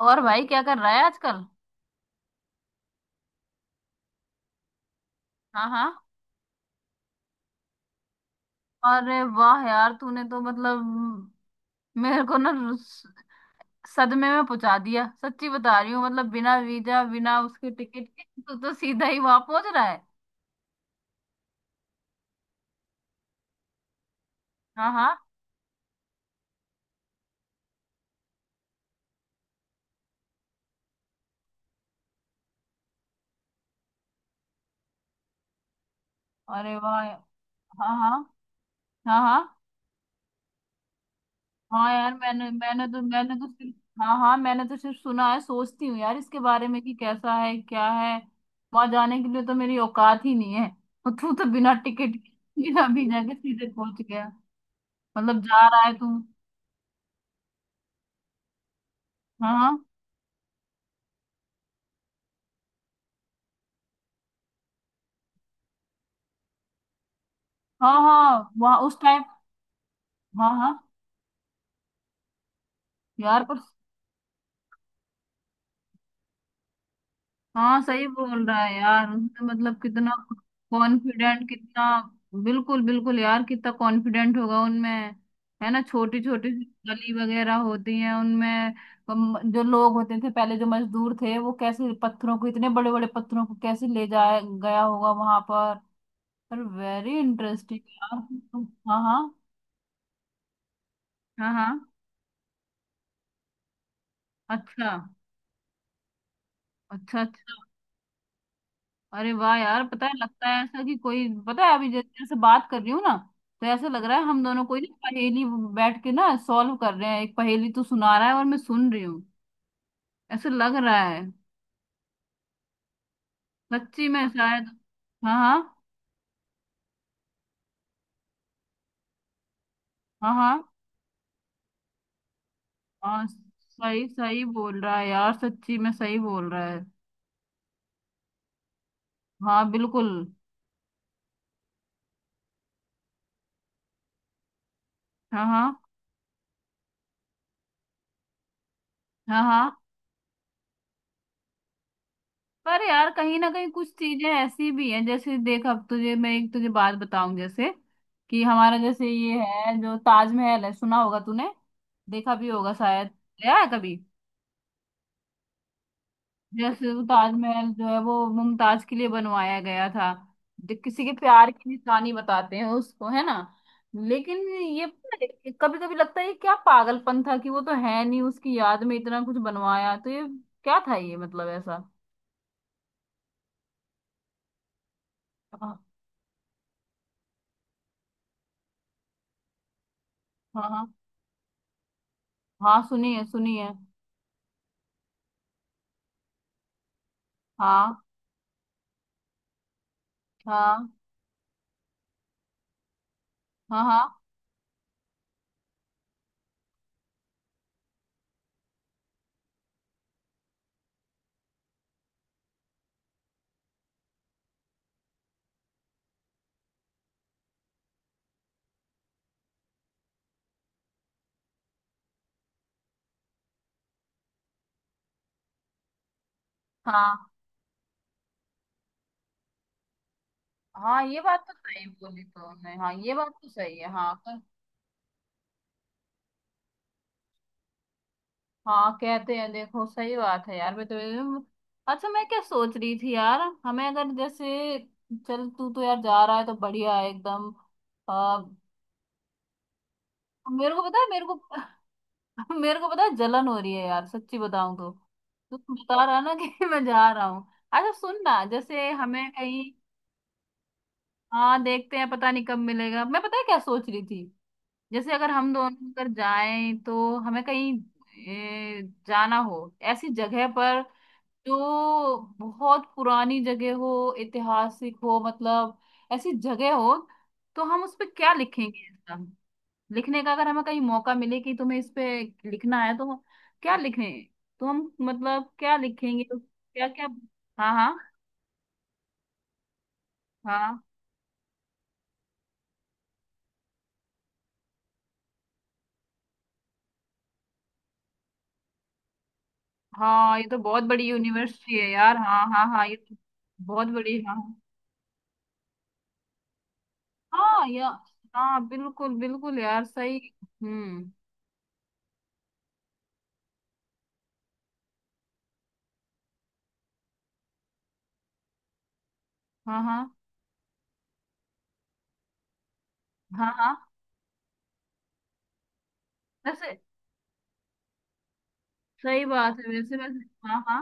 और भाई क्या कर रहा है आजकल? हाँ हाँ। अरे वाह यार तूने तो मतलब मेरे को ना सदमे में पहुंचा दिया। सच्ची बता रही हूँ। मतलब बिना वीजा बिना उसके टिकट के तू तो सीधा ही वहां पहुंच रहा है। हाँ हाँ। अरे वाह। हाँ हाँ। हाँ हाँ। हाँ यार मैंने मैंने तो सिर्फ। हाँ हाँ। मैंने तो सिर्फ सुना है। सोचती हूँ यार इसके बारे में कि कैसा है क्या है। वहां जाने के लिए तो मेरी औकात ही नहीं है और तू तो बिना टिकट बिना वीजा के सीधे पहुंच मतलब जा रहा है तू। हाँ हाँ हाँ हाँ। वहाँ उस टाइम। हाँ हाँ यार पर हाँ सही बोल रहा है यार उसने। मतलब कितना कॉन्फिडेंट। कितना बिल्कुल बिल्कुल यार कितना कॉन्फिडेंट होगा उनमें, है ना? छोटी छोटी सी गली वगैरह होती है उनमें। जो लोग होते थे पहले जो मजदूर थे वो कैसे पत्थरों को इतने बड़े बड़े पत्थरों को कैसे ले जाया गया होगा वहां पर। पर वेरी इंटरेस्टिंग यार। हाँ हाँ। हाँ हाँ। अच्छा अच्छा अच्छा। अरे वाह यार पता है लगता है ऐसा कि कोई पता है अभी जैसे जैसे बात कर रही हूँ ना तो ऐसा लग रहा है हम दोनों कोई ना पहेली बैठ के ना सॉल्व कर रहे हैं। एक पहेली तू सुना रहा है और मैं सुन रही हूँ। ऐसा लग रहा है। सच्ची में शायद। हाँ हाँ। हाँ हाँ। हाँ सही सही बोल रहा है यार सच्ची में सही बोल रहा है। हाँ बिल्कुल। हाँ हाँ हाँ हाँ। पर यार कहीं ना कहीं कुछ चीजें ऐसी भी हैं जैसे देख। अब तुझे मैं एक तुझे बात बताऊं जैसे कि हमारा जैसे ये है जो ताजमहल है सुना होगा तूने। देखा भी होगा शायद। गया है कभी। जैसे वो ताजमहल जो है वो मुमताज के लिए बनवाया गया था। जो किसी के प्यार की निशानी बताते हैं उसको, है ना? लेकिन ये कभी कभी लगता है ये क्या पागलपन था कि वो तो है नहीं उसकी याद में इतना कुछ बनवाया। तो ये क्या था ये, मतलब ऐसा। हाँ हाँ। हाँ सुनिए सुनिए। हाँ हाँ हाँ हाँ हाँ। हाँ ये बात तो सही बोली तुमने। हाँ ये बात तो सही है। हाँ पर हाँ कहते हैं देखो। सही बात है यार मैं तो। अच्छा मैं क्या सोच रही थी यार हमें अगर जैसे चल तू तो यार जा रहा है तो बढ़िया है एकदम। आ, मेरे को पता है मेरे को मेरे को पता है जलन हो रही है यार सच्ची बताऊं तो। तू तो बता रहा है ना कि मैं जा रहा हूँ। अच्छा सुन ना जैसे हमें कहीं। हाँ देखते हैं पता नहीं कब मिलेगा। मैं पता है क्या सोच रही थी जैसे अगर हम दोनों अगर जाएं तो हमें कहीं ए, जाना हो ऐसी जगह पर जो बहुत पुरानी जगह हो, ऐतिहासिक हो, मतलब ऐसी जगह हो। तो हम उस पे क्या लिखेंगे ऐसा? लिखने का अगर हमें कहीं मौका मिले कि तुम्हें इस पे लिखना है तो क्या लिखें? तो हम मतलब क्या लिखेंगे तो क्या क्या? हाँ हाँ। हाँ हाँ ये तो बहुत बड़ी यूनिवर्सिटी है यार। हाँ हाँ हाँ ये तो बहुत बड़ी, हाँ। हाँ या हाँ बिल्कुल बिल्कुल यार सही। हम्म। हाँ हाँ। हाँ हाँ। वैसे सही बात है वैसे वैसे। हाँ हाँ।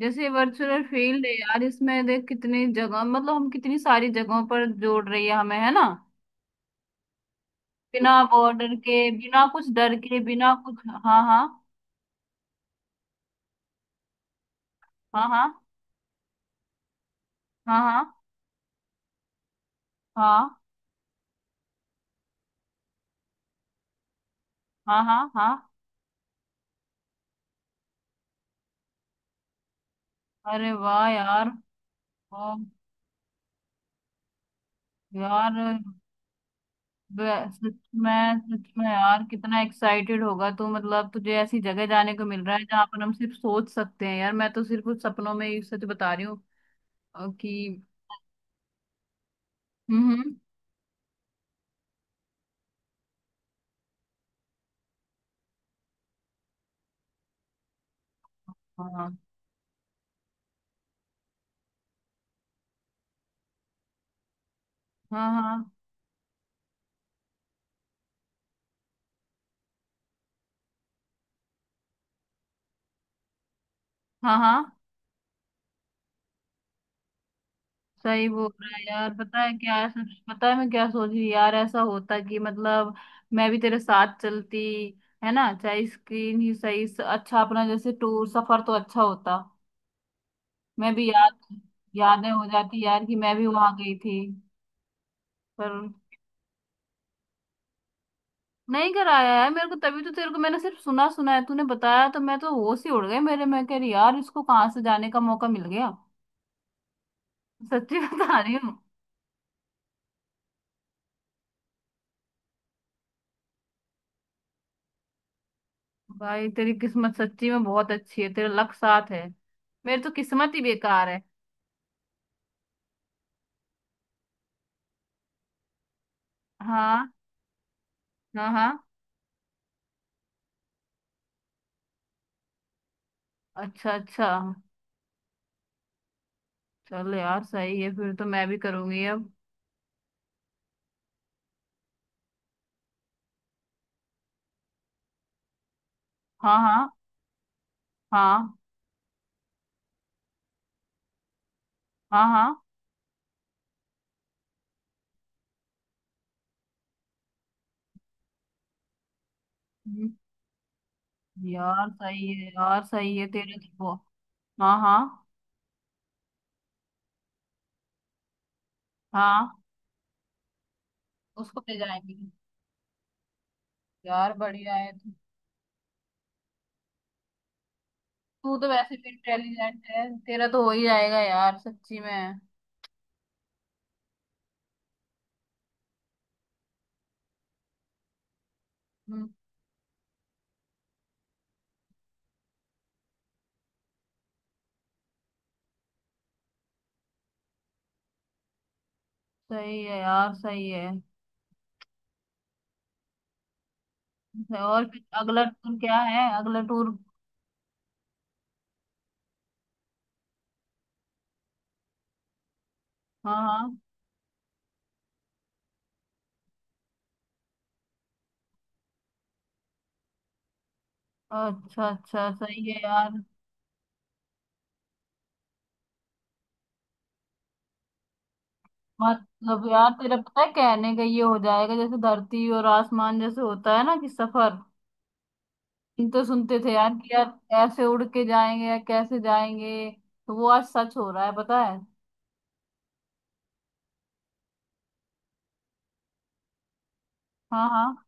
जैसे वर्चुअल फील्ड है यार इसमें देख कितनी जगह मतलब हम कितनी सारी जगहों पर जोड़ रही है हमें, है ना? बिना बॉर्डर के बिना कुछ डर के बिना कुछ, हाँ हाँ। हाँ हाँ हाँ हाँ। हाँ हाँ हाँ हाँ। अरे वाह यार। ओ यार वे- सच में। सच में यार कितना एक्साइटेड होगा तू। मतलब तुझे ऐसी जगह जाने को मिल रहा है जहां पर हम सिर्फ सोच सकते हैं यार। मैं तो सिर्फ कुछ सपनों में ही सच बता रही हूँ कि हम्म। हाँ हाँ हाँ हाँ। हाँ सही बोल रहा है यार पता है क्या ऐसा। पता है मैं क्या सोच रही यार ऐसा होता कि मतलब मैं भी तेरे साथ चलती, है ना? चाहे स्क्रीन ही सही अच्छा अपना जैसे टूर सफर तो अच्छा होता। मैं भी याद, यादें हो जाती यार कि मैं भी वहां गई थी। पर नहीं कराया है मेरे को। तभी तो तेरे को मैंने सिर्फ सुना सुना है। तूने बताया तो मैं तो होश ही उड़ गई मेरे। मैं कह रही यार इसको कहाँ से जाने का मौका मिल गया। सच्ची बता रही हूँ। भाई तेरी किस्मत सच्ची में बहुत अच्छी है तेरा लक साथ है। मेरी तो किस्मत ही बेकार है। हाँ हाँ। हाँ अच्छा अच्छा। चल यार सही है फिर तो मैं भी करूंगी अब। हाँ हाँ हाँ हाँ। हाँ हम्म। यार सही है तेरे तो। हाँ हाँ। हाँ उसको ले जाएंगे। यार बढ़िया है। तू तो वैसे भी इंटेलिजेंट है तेरा तो हो ही जाएगा यार सच्ची में। हम्म। सही है यार सही है। अच्छा, और फिर अगला टूर क्या है अगला टूर? हाँ हाँ अच्छा अच्छा सही है यार। मतलब यार तेरा पता है कहने का ये हो जाएगा जैसे धरती और आसमान जैसे होता है ना कि सफर। हम तो सुनते थे यार कि यार कैसे उड़ के जाएंगे या कैसे जाएंगे। तो वो आज सच हो रहा है पता है। हाँ हाँ।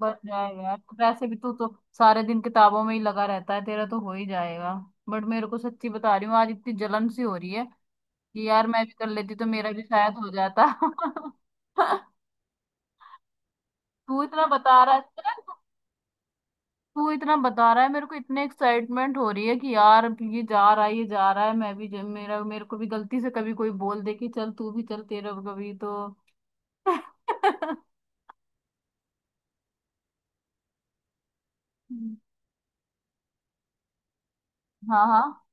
बच जाएगा यार वैसे भी तू तो सारे दिन किताबों में ही लगा रहता है तेरा तो हो ही जाएगा। बट मेरे को सच्ची बता रही हूँ आज इतनी जलन सी हो रही है कि यार मैं भी कर लेती तो मेरा भी शायद हो जाता तू इतना बता रहा है। तू इतना बता रहा है मेरे को इतने एक्साइटमेंट हो रही है कि यार ये जा रहा है ये जा रहा है। मैं भी मेरा मेरे को भी गलती से कभी कोई बोल दे कि चल तू भी चल तेरा भी कभी तो हाँ हाँ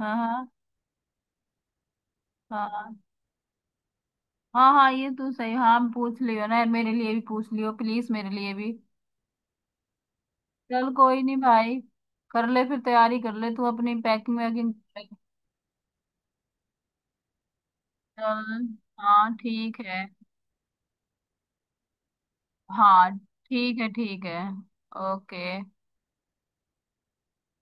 हाँ हाँ हाँ हाँ हाँ ये तो सही। हाँ पूछ लियो ना मेरे लिए भी। पूछ लियो प्लीज मेरे लिए भी। चल कोई नहीं भाई। कर ले फिर तैयारी कर ले तू अपनी पैकिंग वैकिंग कर ले। चल हाँ ठीक है। हाँ ठीक है ओके।